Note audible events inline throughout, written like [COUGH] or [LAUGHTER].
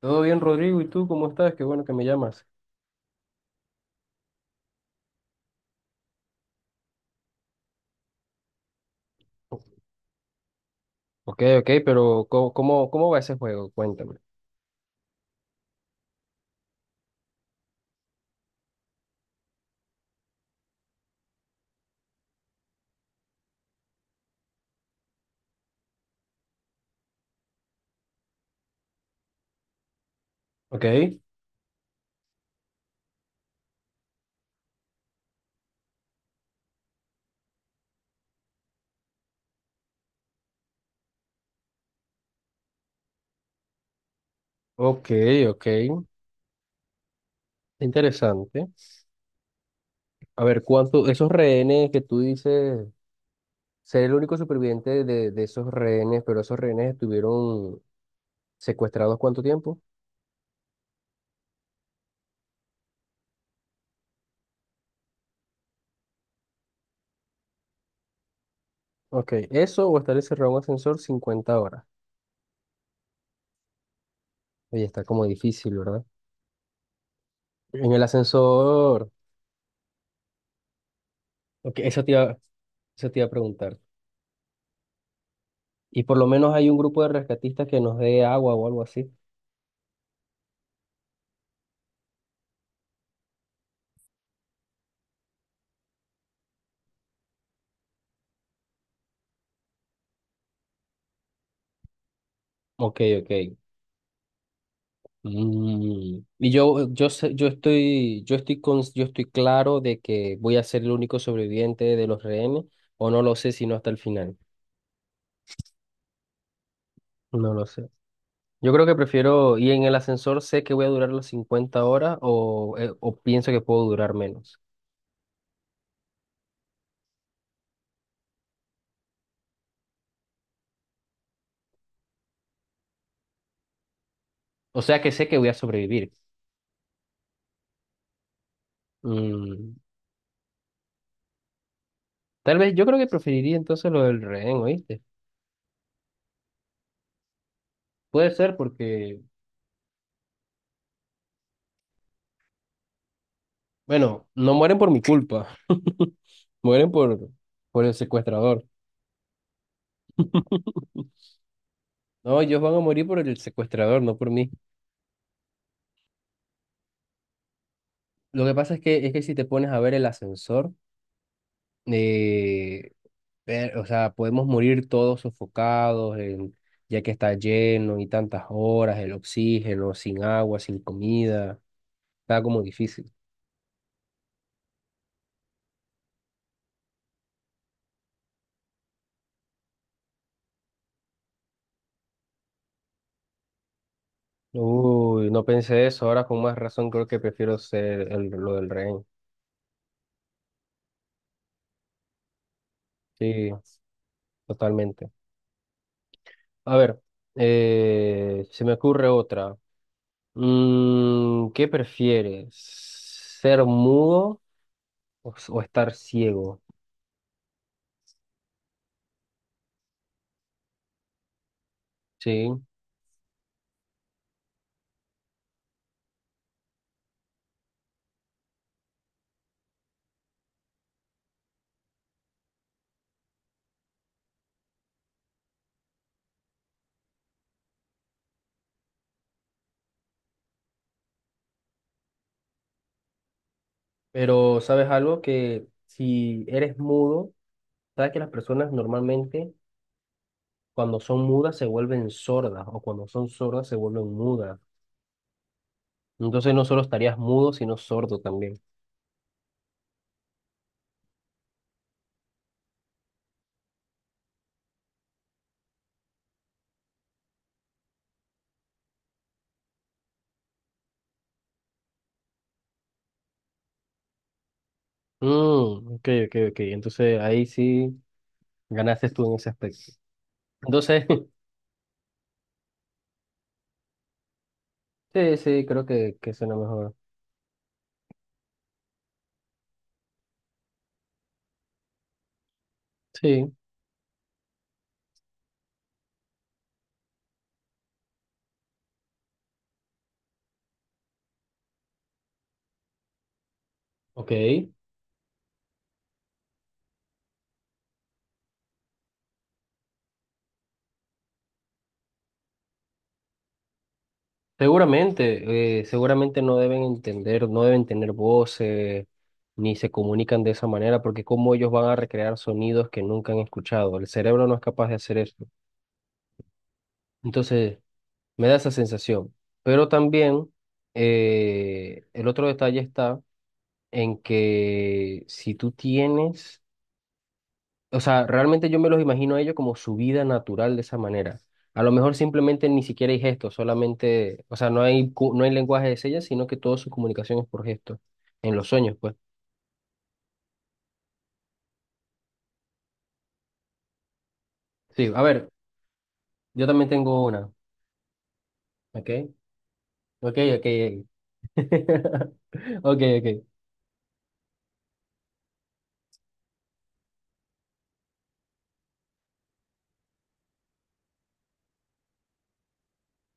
Todo bien, Rodrigo, ¿y tú cómo estás? Qué bueno que me llamas. Ok, ok, pero ¿cómo, cómo va ese juego? Cuéntame. Ok, ok, ok. Interesante. A ver, ¿cuánto, esos rehenes que tú dices, ser el único superviviente de esos rehenes, pero esos rehenes estuvieron secuestrados cuánto tiempo? Ok, eso o estar encerrado en un ascensor 50 horas. Oye, está como difícil, ¿verdad? En el [LAUGHS] ascensor. Ok, eso te iba a preguntar. Y por lo menos hay un grupo de rescatistas que nos dé agua o algo así. Ok, ok. Mm, y yo, sé- yo estoy con, yo estoy claro de que voy a ser el único sobreviviente de los rehenes, o no lo sé sino hasta el final. No lo sé. Yo creo que prefiero, y en el ascensor sé que voy a durar las 50 horas o pienso que puedo durar menos. O sea que sé que voy a sobrevivir. Mm, tal vez yo creo que preferiría entonces lo del rehén, ¿oíste? Puede ser porque, bueno, no mueren por mi culpa, [LAUGHS] mueren por el secuestrador. No, ellos van a morir por el secuestrador, no por mí. Lo que pasa es que si te pones a ver el ascensor, eh, o sea, podemos morir todos sofocados, ya que está lleno y tantas horas, el oxígeno, sin agua, sin comida, está como difícil. Uy, no pensé eso, ahora con más razón creo que prefiero ser el, lo del rehén. Sí, totalmente. A ver, se me ocurre otra. Mm, ¿qué prefieres? ¿Ser mudo o, o estar ciego? ¿Sí? Pero sabes algo que si eres mudo, sabes que las personas normalmente cuando son mudas se vuelven sordas o cuando son sordas se vuelven mudas. Entonces no solo estarías mudo, sino sordo también. Mm, ok, ok, ok. Entonces ahí sí ganaste tú en ese aspecto. Entonces, [LAUGHS] sí, sí, creo que suena mejor. Sí, ok. Seguramente, seguramente no deben entender, no deben tener voces, ni se comunican de esa manera, porque cómo ellos van a recrear sonidos que nunca han escuchado. El cerebro no es capaz de hacer eso. Entonces, me da esa sensación. Pero también, el otro detalle está en que si tú tienes. O sea, realmente yo me los imagino a ellos como su vida natural de esa manera. A lo mejor simplemente ni siquiera hay gestos, solamente, o sea, no hay, no hay lenguaje de señas, sino que toda su comunicación es por gestos, en los sueños, pues. Sí, a ver, yo también tengo una, ¿ok? Ok, ok, ok. [LAUGHS] Ok, ok.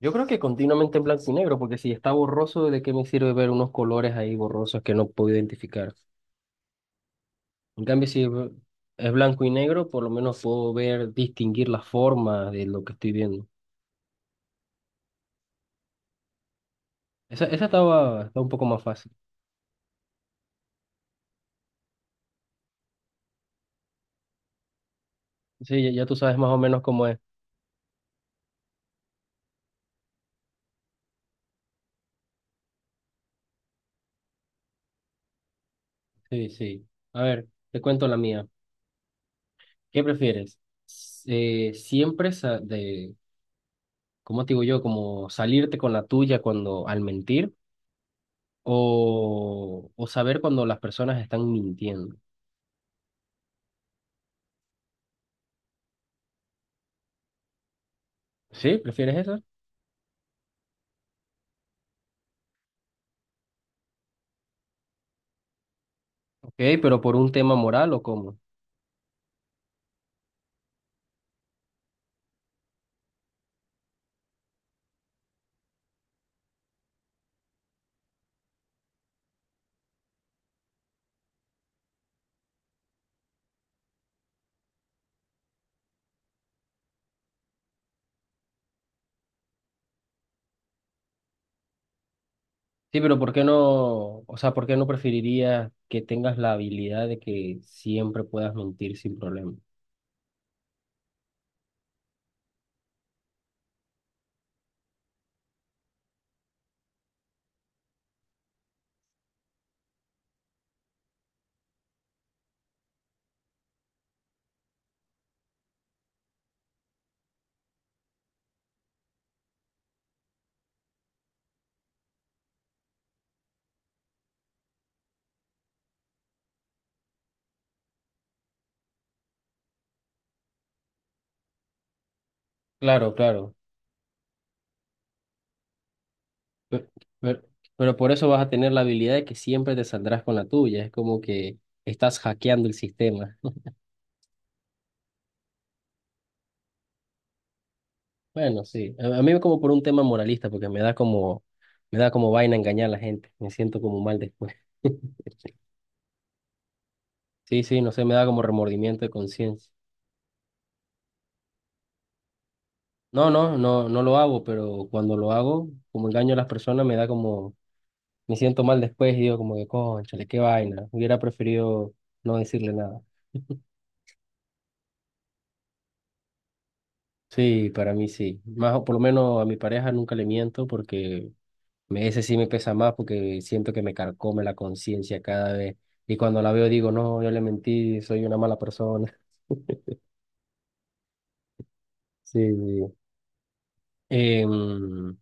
Yo creo que continuamente en blanco y negro, porque si está borroso, ¿de qué me sirve ver unos colores ahí borrosos que no puedo identificar? En cambio, si es blanco y negro, por lo menos puedo ver, distinguir las formas de lo que estoy viendo. Esa, está un poco más fácil. Sí, ya, ya tú sabes más o menos cómo es. Sí, sí. A ver, te cuento la mía. ¿Qué prefieres? S- eh, siempre sa- de, ¿Cómo te digo yo? Como salirte con la tuya cuando al mentir o saber cuando las personas están mintiendo. ¿Sí? ¿Prefieres eso? Ok, ¿pero por un tema moral o cómo? Sí, pero ¿por qué no? O sea, ¿por qué no preferirías que tengas la habilidad de que siempre puedas mentir sin problema? Claro, claro. Pe- Pero, pero por eso vas a tener la habilidad de que siempre te saldrás con la tuya. Es como que estás hackeando el sistema. [LAUGHS] Bueno, sí. A mí como por un tema moralista, porque me da como vaina engañar a la gente. Me siento como mal después. [LAUGHS] Sí, sí, no sé, me da como remordimiento de conciencia. No, no, no, no lo hago, pero cuando lo hago, como engaño a las personas, me da como, me siento mal después y digo como que, cónchale, qué vaina. Hubiera preferido no decirle nada. Sí, para mí sí. Más o por lo menos a mi pareja nunca le miento porque ese sí me pesa más porque siento que me carcome la conciencia cada vez. Y cuando la veo digo, no, yo le mentí, soy una mala persona. [LAUGHS] Sí, sí. Em,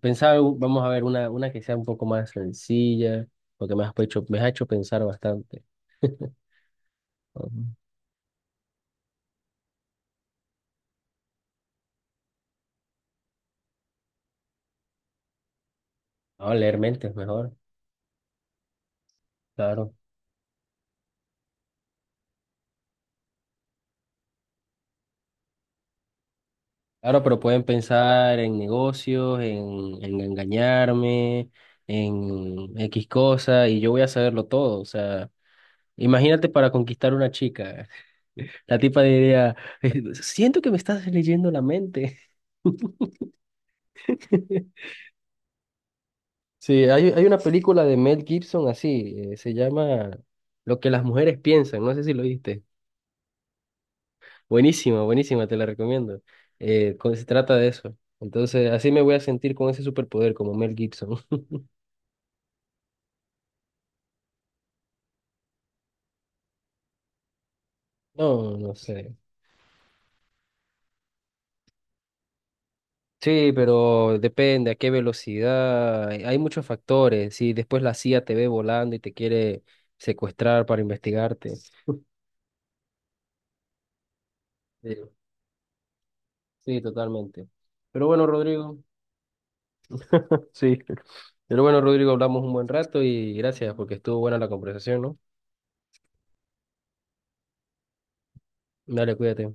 pensaba, vamos a ver, una que sea un poco más sencilla, porque me has hecho pensar bastante. [LAUGHS] Vamos a leer mentes mejor, claro. Claro, pero pueden pensar en negocios, en engañarme, en X cosa, y yo voy a saberlo todo. O sea, imagínate para conquistar una chica. [LAUGHS] La tipa diría, [LAUGHS] siento que me estás leyendo la mente. [LAUGHS] Sí, hay una película de Mel Gibson así, se llama Lo que las mujeres piensan, no sé si lo viste. Buenísima, buenísima, te la recomiendo. Se trata de eso. Entonces, así me voy a sentir con ese superpoder como Mel Gibson. [LAUGHS] No, no sé. Sí, pero depende a qué velocidad. Hay hay muchos factores. Si después la CIA te ve volando y te quiere secuestrar para investigarte. Sí, sí, totalmente. Pero bueno, Rodrigo. [LAUGHS] Sí. Pero bueno, Rodrigo, hablamos un buen rato y gracias porque estuvo buena la conversación, ¿no? Dale, cuídate.